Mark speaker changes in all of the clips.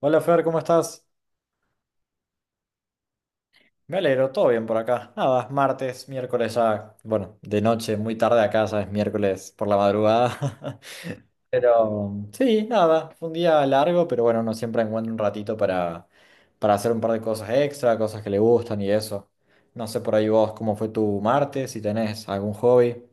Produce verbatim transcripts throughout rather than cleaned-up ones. Speaker 1: Hola Fer, ¿cómo estás? Me alegro, todo bien por acá. Nada, es martes, miércoles ya, bueno, de noche, muy tarde acá, ya es miércoles por la madrugada. Pero sí, nada, fue un día largo, pero bueno, uno siempre encuentra un ratito para, para hacer un par de cosas extra, cosas que le gustan y eso. No sé por ahí vos cómo fue tu martes, si tenés algún hobby.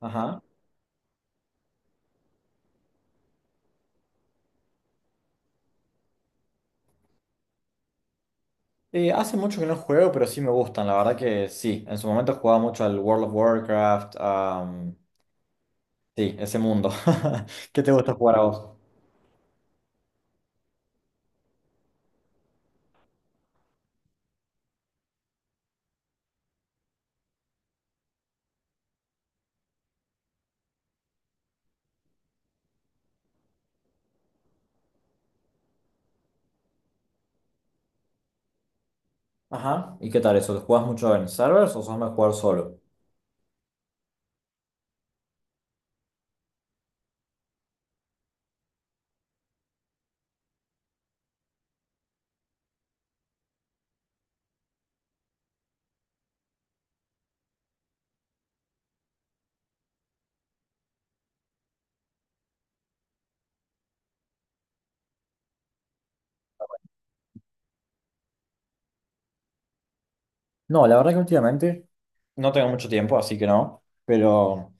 Speaker 1: Ajá. Eh, hace mucho que no juego, pero sí me gustan, la verdad que sí. En su momento jugaba mucho al World of Warcraft, am, sí, ese mundo. ¿Qué te gusta jugar a vos? Ajá. ¿Y qué tal eso? ¿Te ¿Juegas mucho en servers o sos más jugar solo? No, la verdad que últimamente no tengo mucho tiempo, así que no. Pero,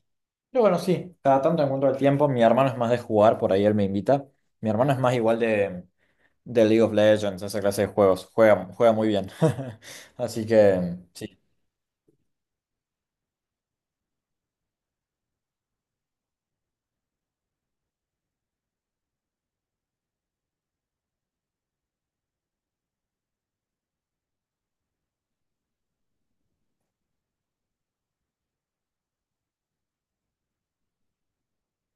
Speaker 1: pero bueno, sí, cada tanto encuentro el tiempo. Mi hermano es más de jugar, por ahí él me invita. Mi hermano es más igual de, de League of Legends, esa clase de juegos. Juega, juega muy bien. Así que, sí.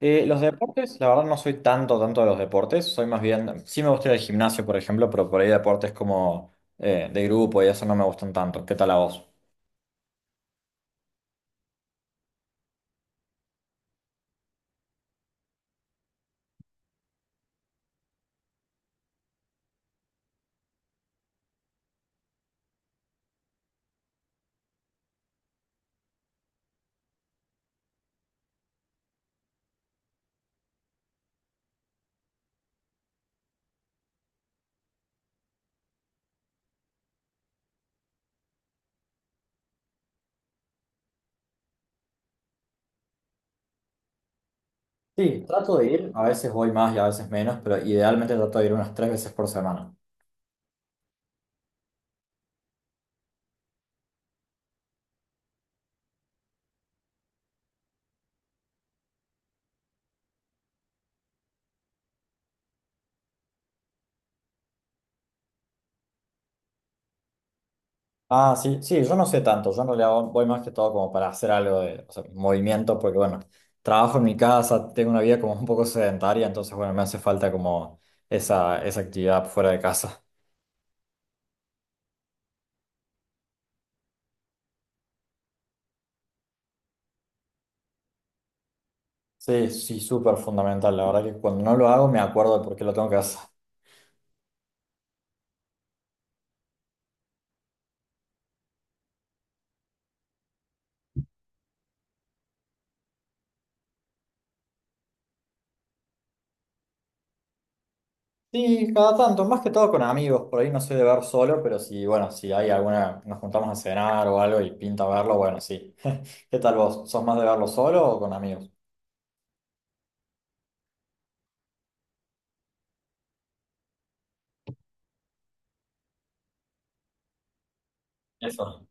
Speaker 1: Eh, los deportes, la verdad no soy tanto, tanto de los deportes. Soy más bien, sí me gusta ir al gimnasio, por ejemplo, pero por ahí deportes como eh, de grupo y eso no me gustan tanto. ¿Qué tal a vos? Sí, trato de ir, a veces voy más y a veces menos, pero idealmente trato de ir unas tres veces por semana. Ah, sí, sí, yo no sé tanto, yo no le hago, voy más que todo como para hacer algo de, o sea, movimiento, porque bueno, trabajo en mi casa, tengo una vida como un poco sedentaria, entonces bueno, me hace falta como esa, esa actividad fuera de casa. Sí, sí, súper fundamental, la verdad que cuando no lo hago me acuerdo de por qué lo tengo que hacer. Sí, cada tanto, más que todo con amigos, por ahí no soy de ver solo, pero si, bueno, si hay alguna, nos juntamos a cenar o algo y pinta verlo, bueno, sí. ¿Qué tal vos? ¿Sos más de verlo solo o con amigos? Eso.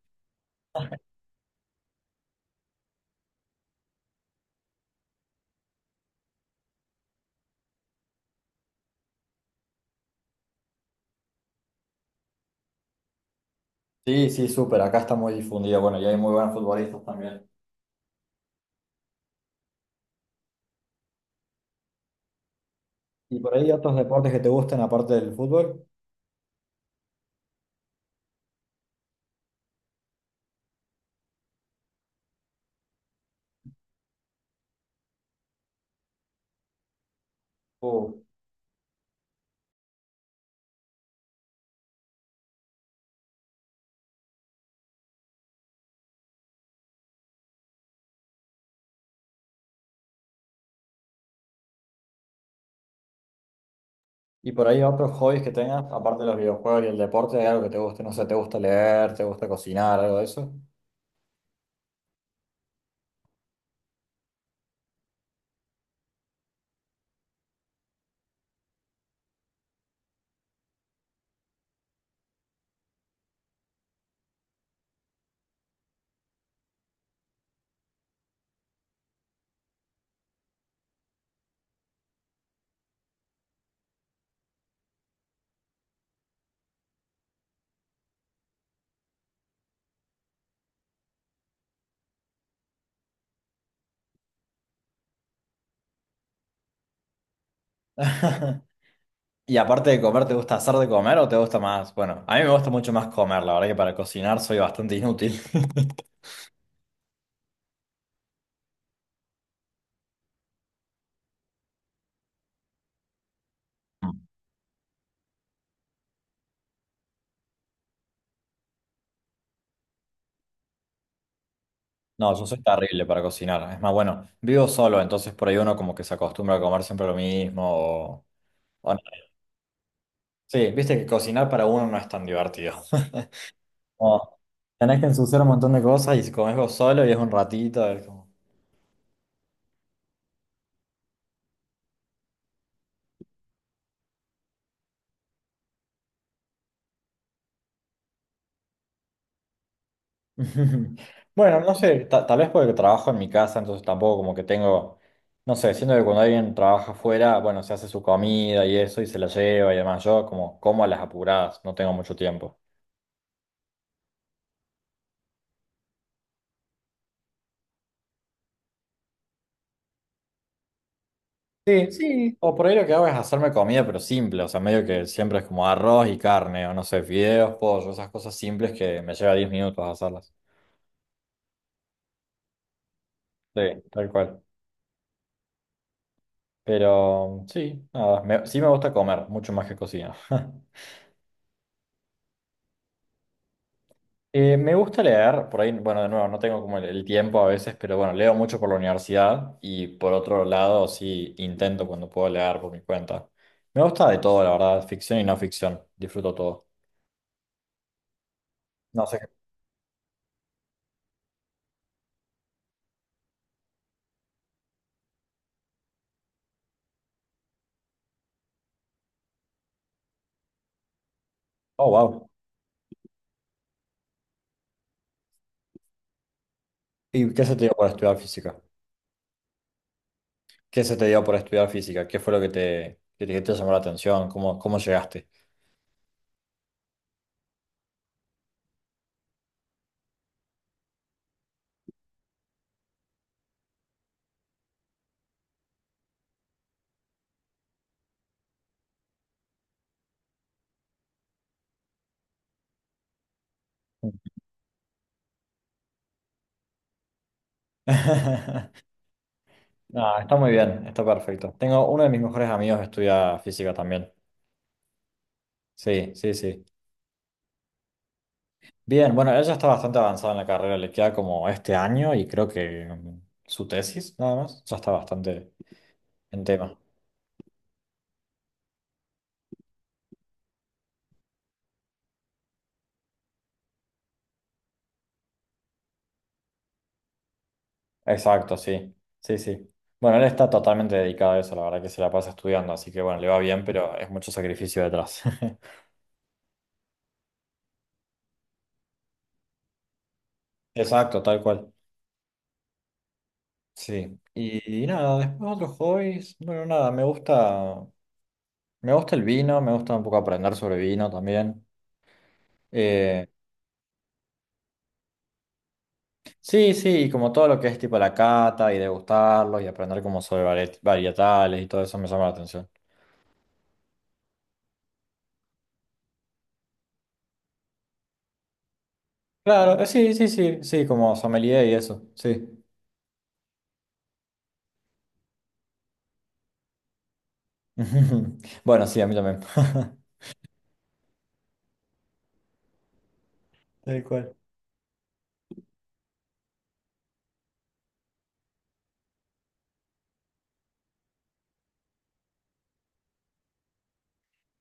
Speaker 1: Sí, sí, súper, acá está muy difundido, bueno, y hay muy buenos futbolistas también. ¿Y por ahí otros deportes que te gusten aparte del fútbol? Uh, ¿Y por ahí otros hobbies que tengas, aparte de los videojuegos y el deporte, hay algo que te guste? No sé, ¿te gusta leer? ¿Te gusta cocinar? ¿Algo de eso? Y aparte de comer, ¿te gusta hacer de comer o te gusta más? Bueno, a mí me gusta mucho más comer, la verdad que para cocinar soy bastante inútil. No, yo soy terrible para cocinar. Es más, bueno, vivo solo, entonces por ahí uno como que se acostumbra a comer siempre lo mismo. O, o no. Sí, viste que cocinar para uno no es tan divertido. Como, tenés que ensuciar un montón de cosas y si comés vos solo y es un ratito. Es como- Bueno, no sé, ta- tal vez porque trabajo en mi casa, entonces tampoco como que tengo, no sé, siento que cuando alguien trabaja afuera, bueno, se hace su comida y eso y se la lleva y demás. Yo como como a las apuradas, no tengo mucho tiempo. Sí, sí. O por ahí lo que hago es hacerme comida, pero simple, o sea, medio que siempre es como arroz y carne, o no sé, fideos, pollo, esas cosas simples que me lleva diez minutos hacerlas. Sí, tal cual. Pero sí, nada, me- sí me gusta comer, mucho más que cocinar. Eh, me gusta leer, por ahí, bueno, de nuevo, no tengo como el, el tiempo a veces, pero bueno, leo mucho por la universidad y por otro lado, sí, intento cuando puedo leer por mi cuenta. Me gusta de todo, la verdad, ficción y no ficción, disfruto todo. No sé qué. Oh, wow. ¿Y qué se te dio por estudiar física? ¿Qué se te dio por estudiar física? ¿Qué fue lo que te, que te, que te llamó la atención? ¿Cómo, cómo llegaste? No, está muy bien, está perfecto. Tengo uno de mis mejores amigos que estudia física también. Sí, sí, sí. Bien, bueno, ella está bastante avanzada en la carrera, le queda como este año y creo que mm, su tesis nada más, ya está bastante en tema. Exacto, sí, sí, sí. Bueno, él está totalmente dedicado a eso, la verdad que se la pasa estudiando, así que bueno, le va bien, pero es mucho sacrificio detrás. Exacto, tal cual. Sí. Y, y nada, después otros hobbies, bueno, nada, me gusta, me gusta el vino, me gusta un poco aprender sobre vino también. Eh, Sí, sí, y como todo lo que es tipo la cata y degustarlos y aprender como sobre vari- varietales y todo eso me llama la atención. Claro, eh, sí, sí, sí, sí, como sommelier y eso, sí. Bueno, sí, a mí también. Tal cual.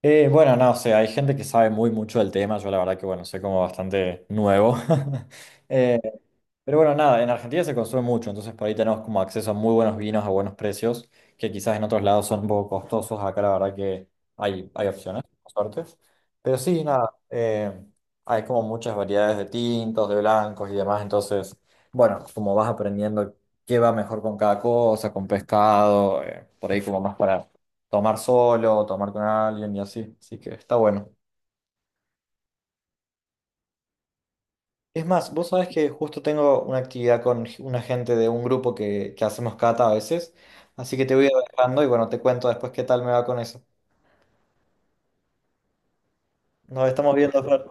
Speaker 1: Eh, bueno, no, o sea, hay gente que sabe muy mucho del tema, yo la verdad que bueno, soy como bastante nuevo. Eh, pero bueno, nada, en Argentina se consume mucho, entonces por ahí tenemos como acceso a muy buenos vinos a buenos precios, que quizás en otros lados son un poco costosos, acá la verdad que hay, hay opciones, por suerte. Pero sí, nada, eh, hay como muchas variedades de tintos, de blancos y demás, entonces, bueno, como vas aprendiendo qué va mejor con cada cosa, con pescado, eh, por ahí como más para tomar solo, tomar con alguien y así, así que está bueno. Es más, vos sabés que justo tengo una actividad con g- una gente de un grupo que, que hacemos cata a veces, así que te voy a ir dejando y bueno, te cuento después qué tal me va con eso. Nos estamos viendo, Fer.